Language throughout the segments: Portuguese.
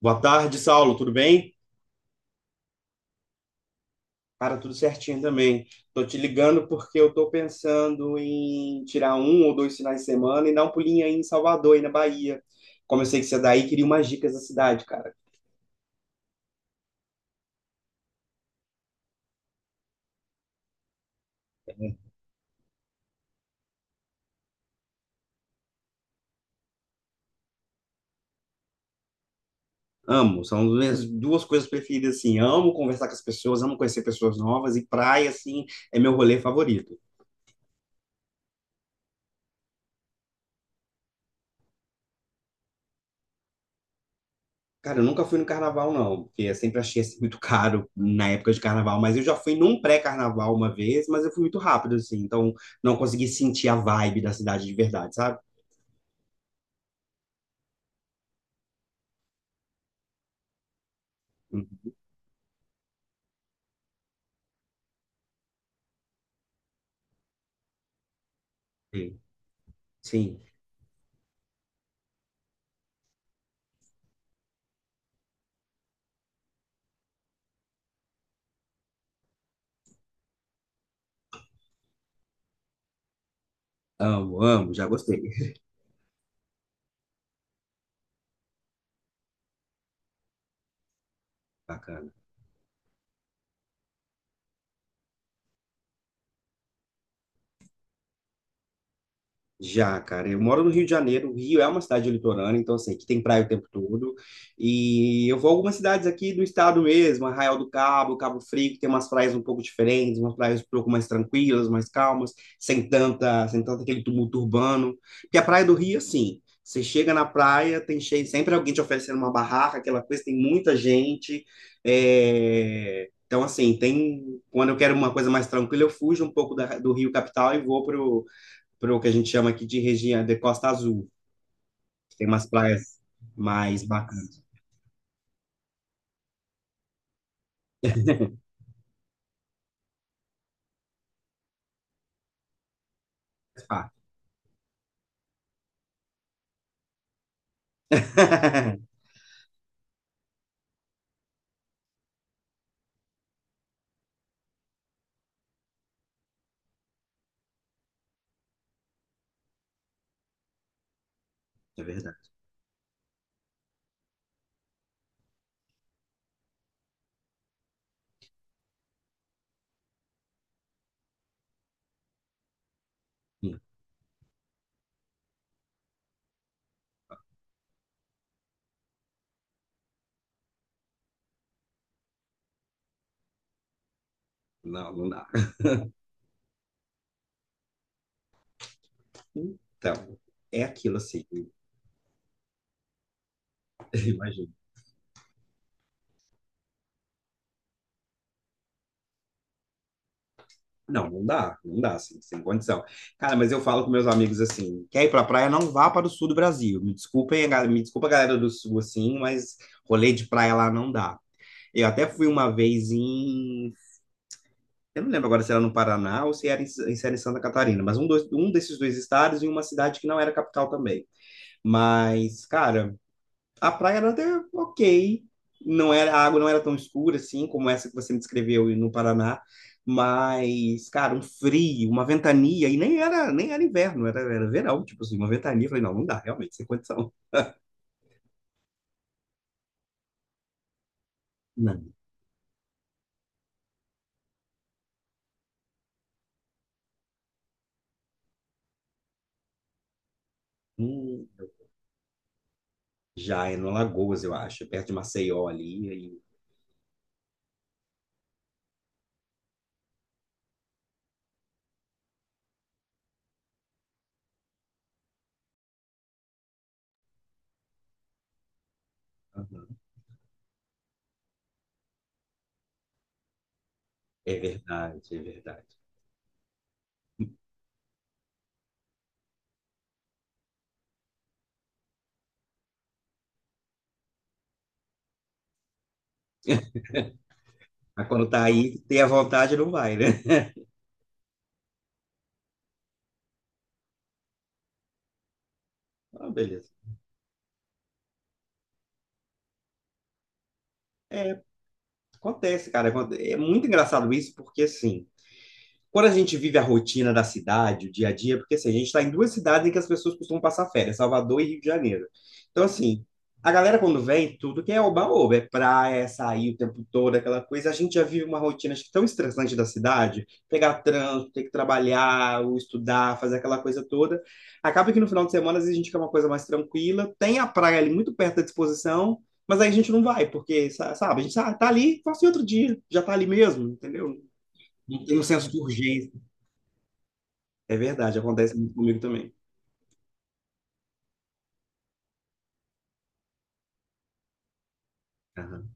Boa tarde, Saulo, tudo bem? Cara, tudo certinho também. Tô te ligando porque eu tô pensando em tirar um ou dois finais de semana e dar um pulinho aí em Salvador, aí na Bahia. Como eu sei que você é daí, queria umas dicas da cidade, cara. Amo, são as minhas duas coisas preferidas, assim. Amo conversar com as pessoas, amo conhecer pessoas novas e praia, assim, é meu rolê favorito. Cara, eu nunca fui no carnaval, não, porque eu sempre achei assim, muito caro na época de carnaval, mas eu já fui num pré-carnaval uma vez, mas eu fui muito rápido, assim, então não consegui sentir a vibe da cidade de verdade, sabe? Uhum. Sim, amo, amo, já gostei. Bacana. Já, cara, eu moro no Rio de Janeiro. O Rio é uma cidade litorânea, então assim, aqui tem praia o tempo todo. E eu vou a algumas cidades aqui do estado mesmo, Arraial do Cabo, Cabo Frio, que tem umas praias um pouco diferentes, umas praias um pouco mais tranquilas, mais calmas, sem tanto aquele tumulto urbano. Porque a praia do Rio, assim, você chega na praia, tem cheio, sempre alguém te oferecendo uma barraca, aquela coisa, tem muita gente. Então, assim, tem. Quando eu quero uma coisa mais tranquila, eu fujo um pouco do Rio Capital e vou para o que a gente chama aqui de região de Costa Azul. Tem umas praias mais bacanas. Ah, é verdade. Hum. Não, não dá. Então, é aquilo assim, imagina. Não, não dá, não dá, assim, sem condição. Cara, mas eu falo com meus amigos assim, quer ir pra praia, não vá para o sul do Brasil. Me desculpem, me desculpa a galera do sul, assim, mas rolê de praia lá não dá. Eu até fui uma vez em Eu não lembro agora se era no Paraná ou se era em, se era em Santa Catarina, mas um desses dois estados e uma cidade que não era capital também. Mas, cara, a praia era até ok. Não era, a água não era tão escura assim como essa que você me descreveu no Paraná. Mas, cara, um frio, uma ventania, e nem era inverno, era verão, tipo assim, uma ventania. Eu falei, não, não dá, realmente, sem condição. Não. Hum. Já é no Alagoas, eu acho, é perto de Maceió ali. Aham. É verdade, é verdade. Mas quando tá aí, tem a vontade, não vai, né? Ah, beleza. É, acontece, cara. É muito engraçado isso, porque assim. Quando a gente vive a rotina da cidade, o dia a dia, porque assim, a gente está em duas cidades em que as pessoas costumam passar férias, Salvador e Rio de Janeiro. Então, assim, a galera quando vem, tudo que é oba-oba, é praia, é sair o tempo todo, aquela coisa, a gente já vive uma rotina acho que tão estressante da cidade, pegar trânsito, ter que trabalhar, ou estudar, fazer aquela coisa toda. Acaba que no final de semana, às vezes, a gente quer uma coisa mais tranquila, tem a praia ali muito perto da disposição, mas aí a gente não vai, porque, sabe, tá ali, faça em outro dia, já tá ali mesmo, entendeu? Não tem um senso de urgência. É verdade, acontece muito comigo também. Aham.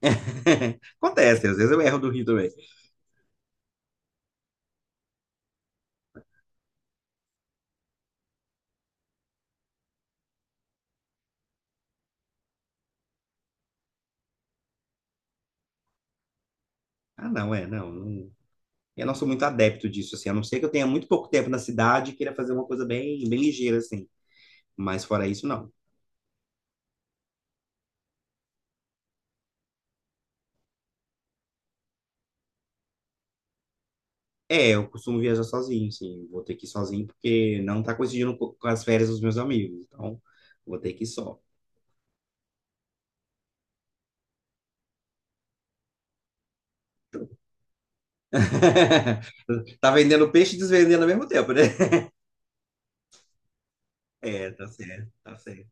Acontece, às vezes eu erro do Rio também. Ah, não, é, não, não. Eu não sou muito adepto disso, assim, a não ser que eu tenha muito pouco tempo na cidade e queira fazer uma coisa bem, bem ligeira, assim. Mas fora isso, não. É, eu costumo viajar sozinho, sim. Vou ter que ir sozinho porque não tá coincidindo com as férias dos meus amigos. Então, vou ter que ir só. Tá vendendo peixe e desvendendo ao mesmo tempo, né? É, tá certo, tá certo.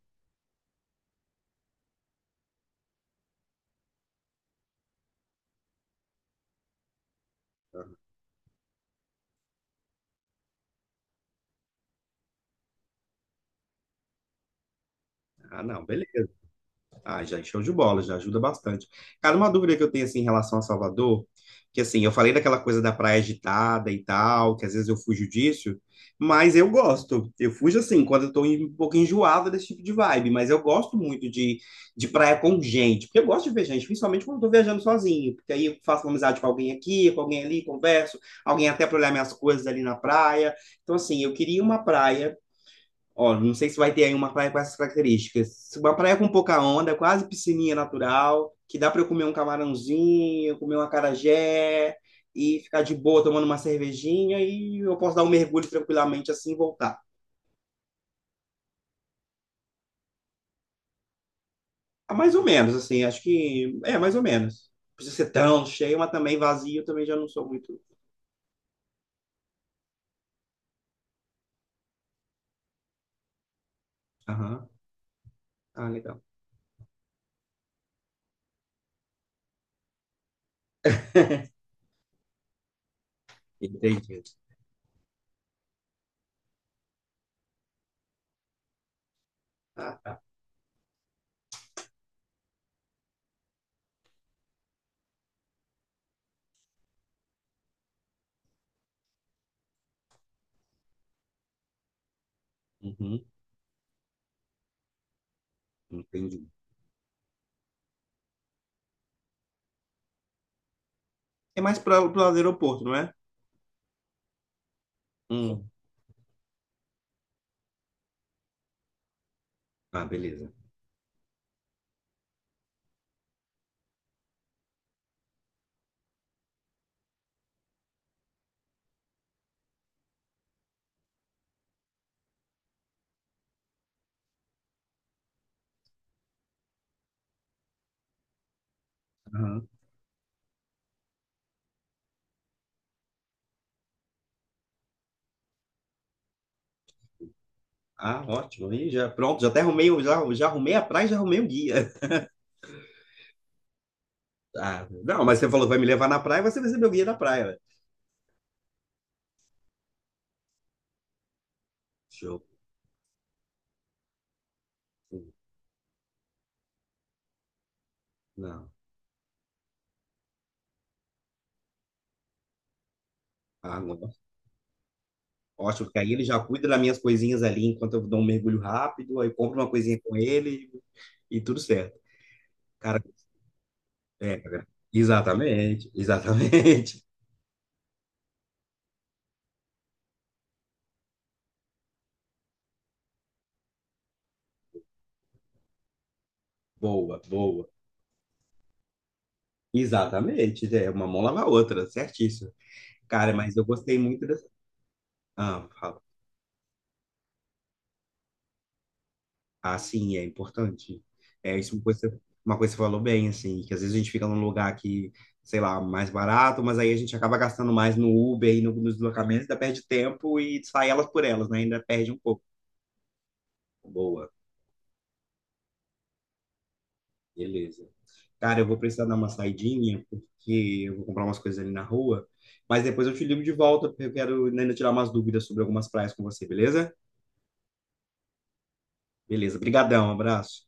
Ah, não, beleza. Ah, já show de bola, já ajuda bastante. Cara, uma dúvida que eu tenho assim em relação a Salvador, que assim, eu falei daquela coisa da praia agitada e tal, que às vezes eu fujo disso, mas eu gosto. Eu fujo assim, quando eu um pouco enjoada desse tipo de vibe, mas eu gosto muito de praia com gente, porque eu gosto de ver gente, principalmente quando eu tô viajando sozinho, porque aí eu faço uma amizade com alguém aqui, com alguém ali, converso, alguém até para olhar minhas coisas ali na praia. Então, assim, eu queria uma praia Ó, não sei se vai ter aí uma praia com essas características. Uma praia com pouca onda, quase piscininha natural, que dá para eu comer um camarãozinho, comer uma acarajé e ficar de boa tomando uma cervejinha e eu posso dar um mergulho tranquilamente assim e voltar. Ah, mais ou menos, assim, acho que é mais ou menos. Não precisa ser tão cheio, mas também vazio, eu também já não sou muito. Aham. Ah, legal. Entendi. Ah, tá. Uhum. Entendi. É mais para o aeroporto, não é? Hum. Ah, beleza. Aham. Ah, ótimo. Aí já, pronto, já, já arrumei a praia e já arrumei o guia. Ah, não, mas você falou que vai me levar na praia, você vai ser meu guia da praia. Né? Show. Não. Ah, não. Ótimo, porque aí ele já cuida das minhas coisinhas ali enquanto eu dou um mergulho rápido, aí compro uma coisinha com ele e tudo certo. Cara, é, cara. Exatamente, exatamente. Boa, boa. Exatamente. É, uma mão lava a outra, certíssimo. Cara, mas eu gostei muito dessa. Ah, fala. Ah, sim, é importante. É isso, é uma coisa que você falou bem, assim, que às vezes a gente fica num lugar que, sei lá, mais barato, mas aí a gente acaba gastando mais no Uber e no, nos deslocamentos, ainda perde tempo e sai elas por elas, né? Ainda perde um pouco. Boa, beleza. Cara, eu vou precisar dar uma saidinha, porque eu vou comprar umas coisas ali na rua, mas depois eu te ligo de volta, porque eu quero ainda tirar umas dúvidas sobre algumas praias com você, beleza? Beleza, brigadão, abraço.